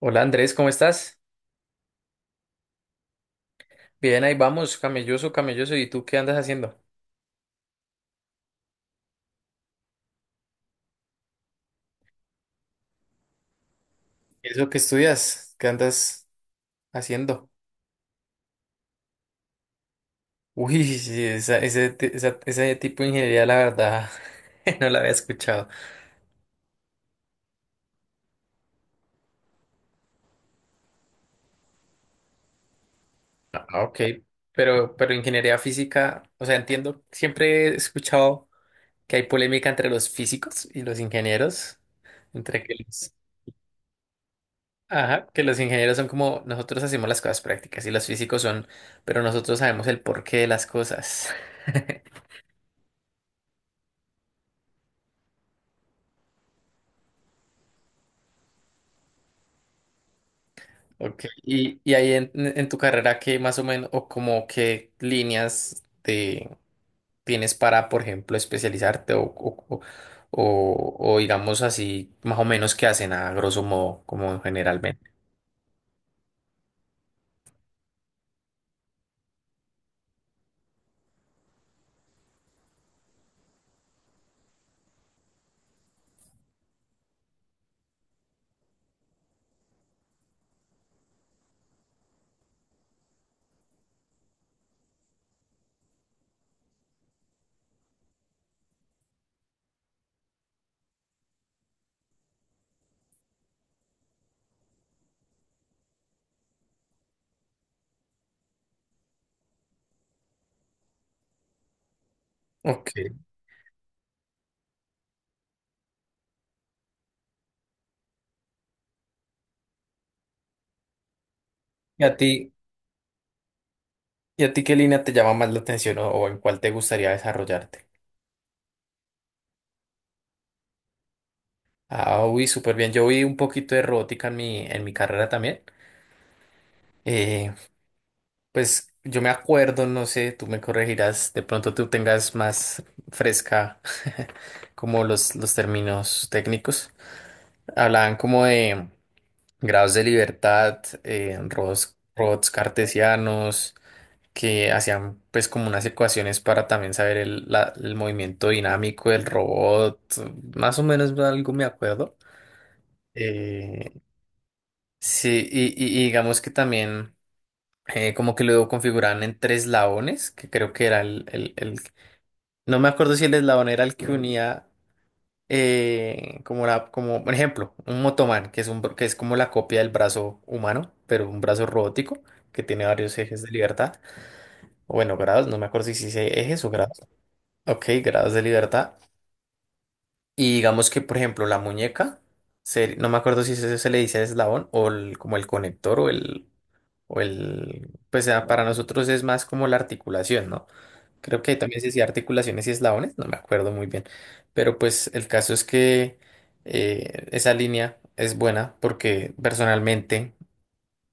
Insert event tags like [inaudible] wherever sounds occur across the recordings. Hola Andrés, ¿cómo estás? Bien, ahí vamos, camelloso, camelloso. ¿Y tú qué andas haciendo? ¿Eso que estudias? ¿Qué andas haciendo? [laughs] Uy, sí, esa, ese, ti- esa- ese tipo de ingeniería, la verdad, [laughs] no la había escuchado. Ah, ok. Pero ingeniería física, o sea, entiendo, siempre he escuchado que hay polémica entre los físicos y los ingenieros, entre que los, ajá, que los ingenieros son como nosotros hacemos las cosas prácticas y los físicos son, pero nosotros sabemos el porqué de las cosas. [laughs] Ok, y, ahí en tu carrera, ¿qué más o menos, o como qué líneas de, tienes para, por ejemplo, especializarte o digamos así, más o menos qué hacen a grosso modo, como generalmente? Ok, ¿y a ti, y a ti qué línea te llama más la atención o en cuál te gustaría desarrollarte? Ah, uy, súper bien, yo vi un poquito de robótica en mi carrera también. Pues yo me acuerdo, no sé, tú me corregirás, de pronto tú tengas más fresca [laughs] como los términos técnicos. Hablaban como de grados de libertad, robots, robots cartesianos, que hacían pues como unas ecuaciones para también saber el movimiento dinámico del robot, más o menos algo me acuerdo. Eh, sí, y, y digamos que también... como que lo configuraban en tres eslabones, que creo que era no me acuerdo si el eslabón era el que unía, como la, como, por ejemplo, un motoman, que es un, que es como la copia del brazo humano, pero un brazo robótico, que tiene varios ejes de libertad, o bueno, grados, no me acuerdo si hice ejes o grados. Ok, grados de libertad. Y digamos que, por ejemplo, la muñeca, no me acuerdo si se le dice eslabón o como el conector o el... O el, pues ah, para nosotros es más como la articulación, ¿no? Creo que ahí también se decía articulaciones y eslabones, no me acuerdo muy bien. Pero pues el caso es que esa línea es buena porque personalmente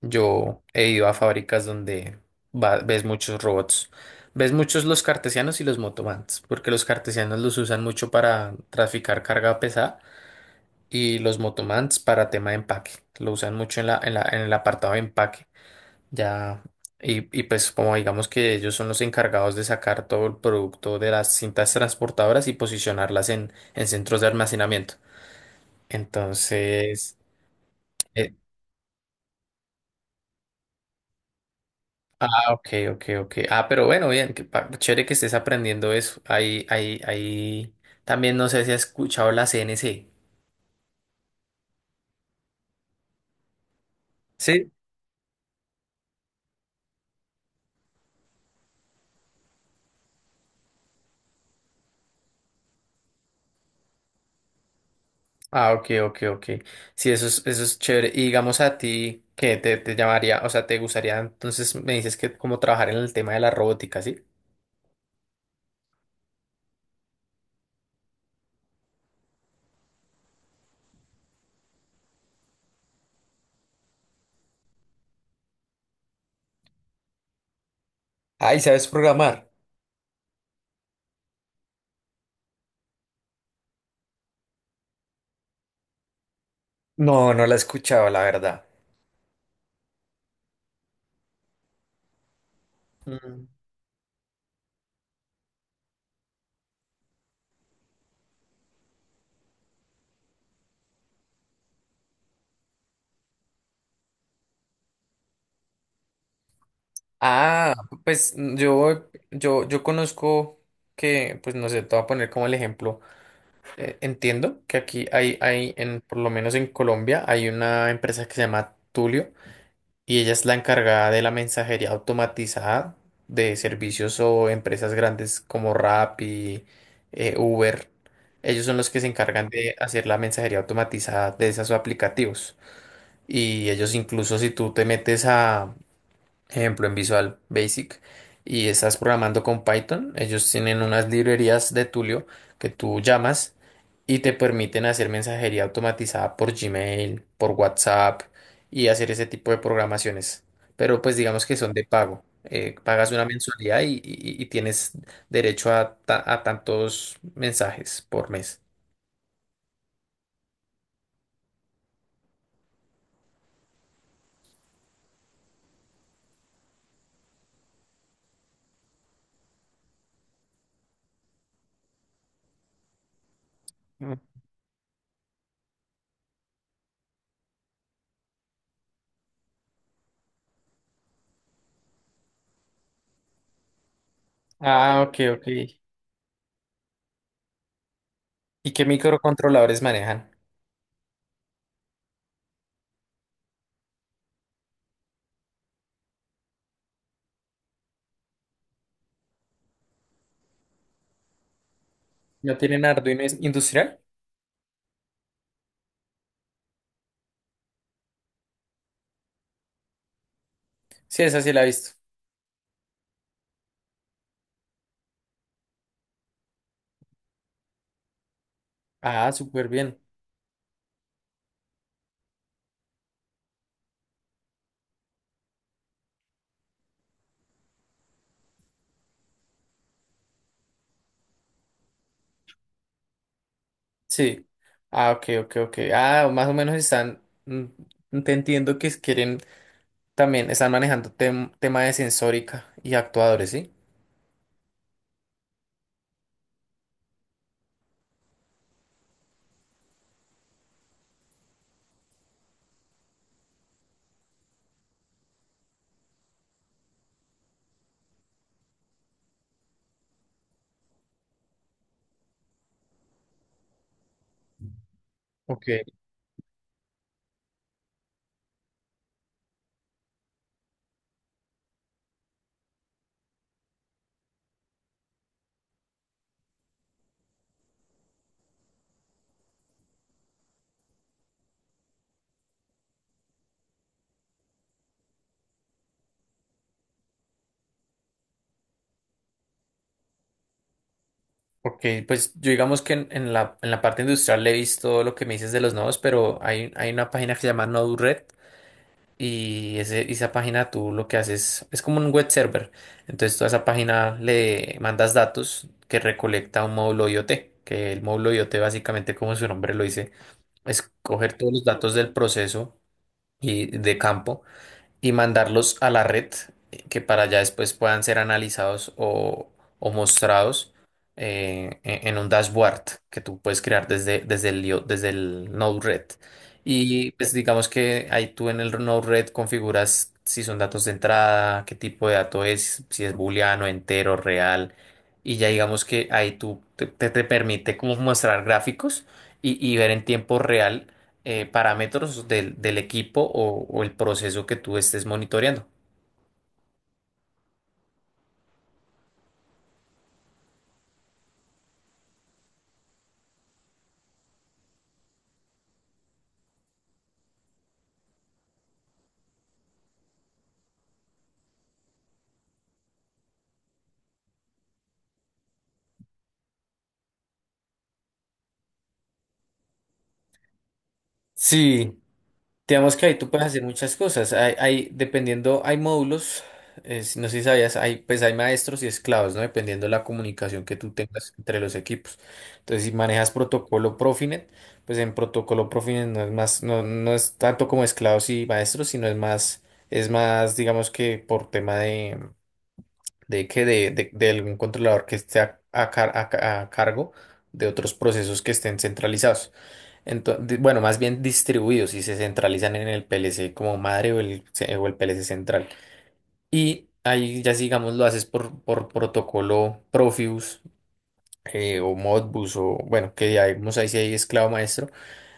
yo he ido a fábricas donde ves muchos robots. Ves muchos los cartesianos y los motomans, porque los cartesianos los usan mucho para traficar carga pesada y los motomans para tema de empaque. Lo usan mucho en el apartado de empaque. Ya, y pues como digamos que ellos son los encargados de sacar todo el producto de las cintas transportadoras y posicionarlas en centros de almacenamiento. Entonces, eh, ah, ok, ok, ok. Ah, pero bueno, bien, chévere que estés aprendiendo eso. También no sé si has escuchado la CNC. Sí. Ah, ok, ok, ok. Sí, eso es chévere. Y digamos a ti, ¿qué te, te llamaría? O sea, ¿te gustaría entonces, me dices que como trabajar en el tema de la robótica, ¿sí? Ay, ¿sabes programar? No, no la he escuchado, la verdad. Mm. Ah, pues mm, yo conozco que, pues no sé, te voy a poner como el ejemplo. Entiendo que aquí hay, por lo menos en Colombia, hay una empresa que se llama Tulio y ella es la encargada de la mensajería automatizada de servicios o empresas grandes como Rappi, Uber. Ellos son los que se encargan de hacer la mensajería automatizada de esos aplicativos. Y ellos incluso si tú te metes a ejemplo, en Visual Basic, y estás programando con Python, ellos tienen unas librerías de Tulio que tú llamas y te permiten hacer mensajería automatizada por Gmail, por WhatsApp y hacer ese tipo de programaciones. Pero pues digamos que son de pago. Pagas una mensualidad y tienes derecho a tantos mensajes por mes. Mm. Ah, ok, ok. ¿Y qué microcontroladores manejan? ¿No tienen Arduino industrial? Sí, esa sí la he visto. Ah, súper bien. Sí. Ah, ok, ok, ok. Ah, más o menos están, mm, te entiendo que quieren también, están manejando tema de sensórica y actuadores, ¿sí? Ok, ok, pues yo digamos que en la parte industrial le he visto lo que me dices de los nodos, pero hay una página que se llama Node-RED y ese, esa página tú lo que haces es como un web server. Entonces tú a esa página le mandas datos que recolecta un módulo IoT, que el módulo IoT básicamente como su nombre lo dice escoger todos los datos del proceso y de campo y mandarlos a la red que para allá después puedan ser analizados o mostrados en un dashboard que tú puedes crear desde el Node-RED. Y pues digamos que ahí tú en el Node-RED configuras si son datos de entrada, qué tipo de dato es, si es booleano, entero, real. Y ya digamos que ahí te permite como mostrar gráficos y ver en tiempo real parámetros del equipo o el proceso que tú estés monitoreando. Sí, digamos que ahí tú puedes hacer muchas cosas. Dependiendo, hay módulos, no sé si sabías, hay, pues hay maestros y esclavos, ¿no? Dependiendo de la comunicación que tú tengas entre los equipos. Entonces, si manejas protocolo Profinet, pues en protocolo Profinet no es más, no, no es tanto como esclavos y maestros, sino es más, digamos que por tema de algún controlador que esté a cargo de otros procesos que estén centralizados. Entonces, bueno, más bien distribuidos y se centralizan en el PLC como madre o o el PLC central. Y ahí ya digamos lo haces por protocolo Profibus o Modbus o bueno, que ya vemos ahí si hay esclavo maestro,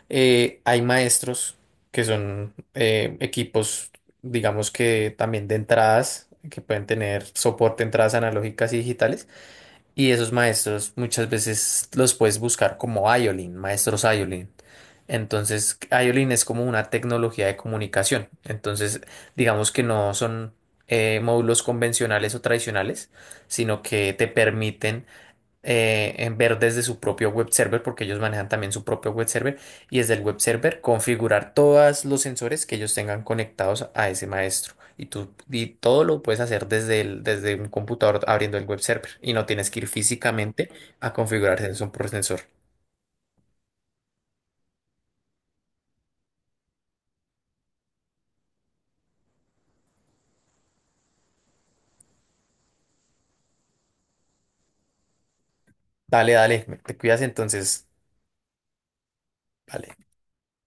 hay maestros que son equipos, digamos que también de entradas, que pueden tener soporte de entradas analógicas y digitales. Y esos maestros muchas veces los puedes buscar como IOLIN, maestros IOLIN. Entonces, IOLIN es como una tecnología de comunicación. Entonces, digamos que no son módulos convencionales o tradicionales, sino que te permiten en ver desde su propio web server, porque ellos manejan también su propio web server, y desde el web server configurar todos los sensores que ellos tengan conectados a ese maestro. Y tú, y todo lo puedes hacer desde desde un computador abriendo el web server y no tienes que ir físicamente a configurar sensor por sensor. Dale, dale, te cuidas entonces. Vale.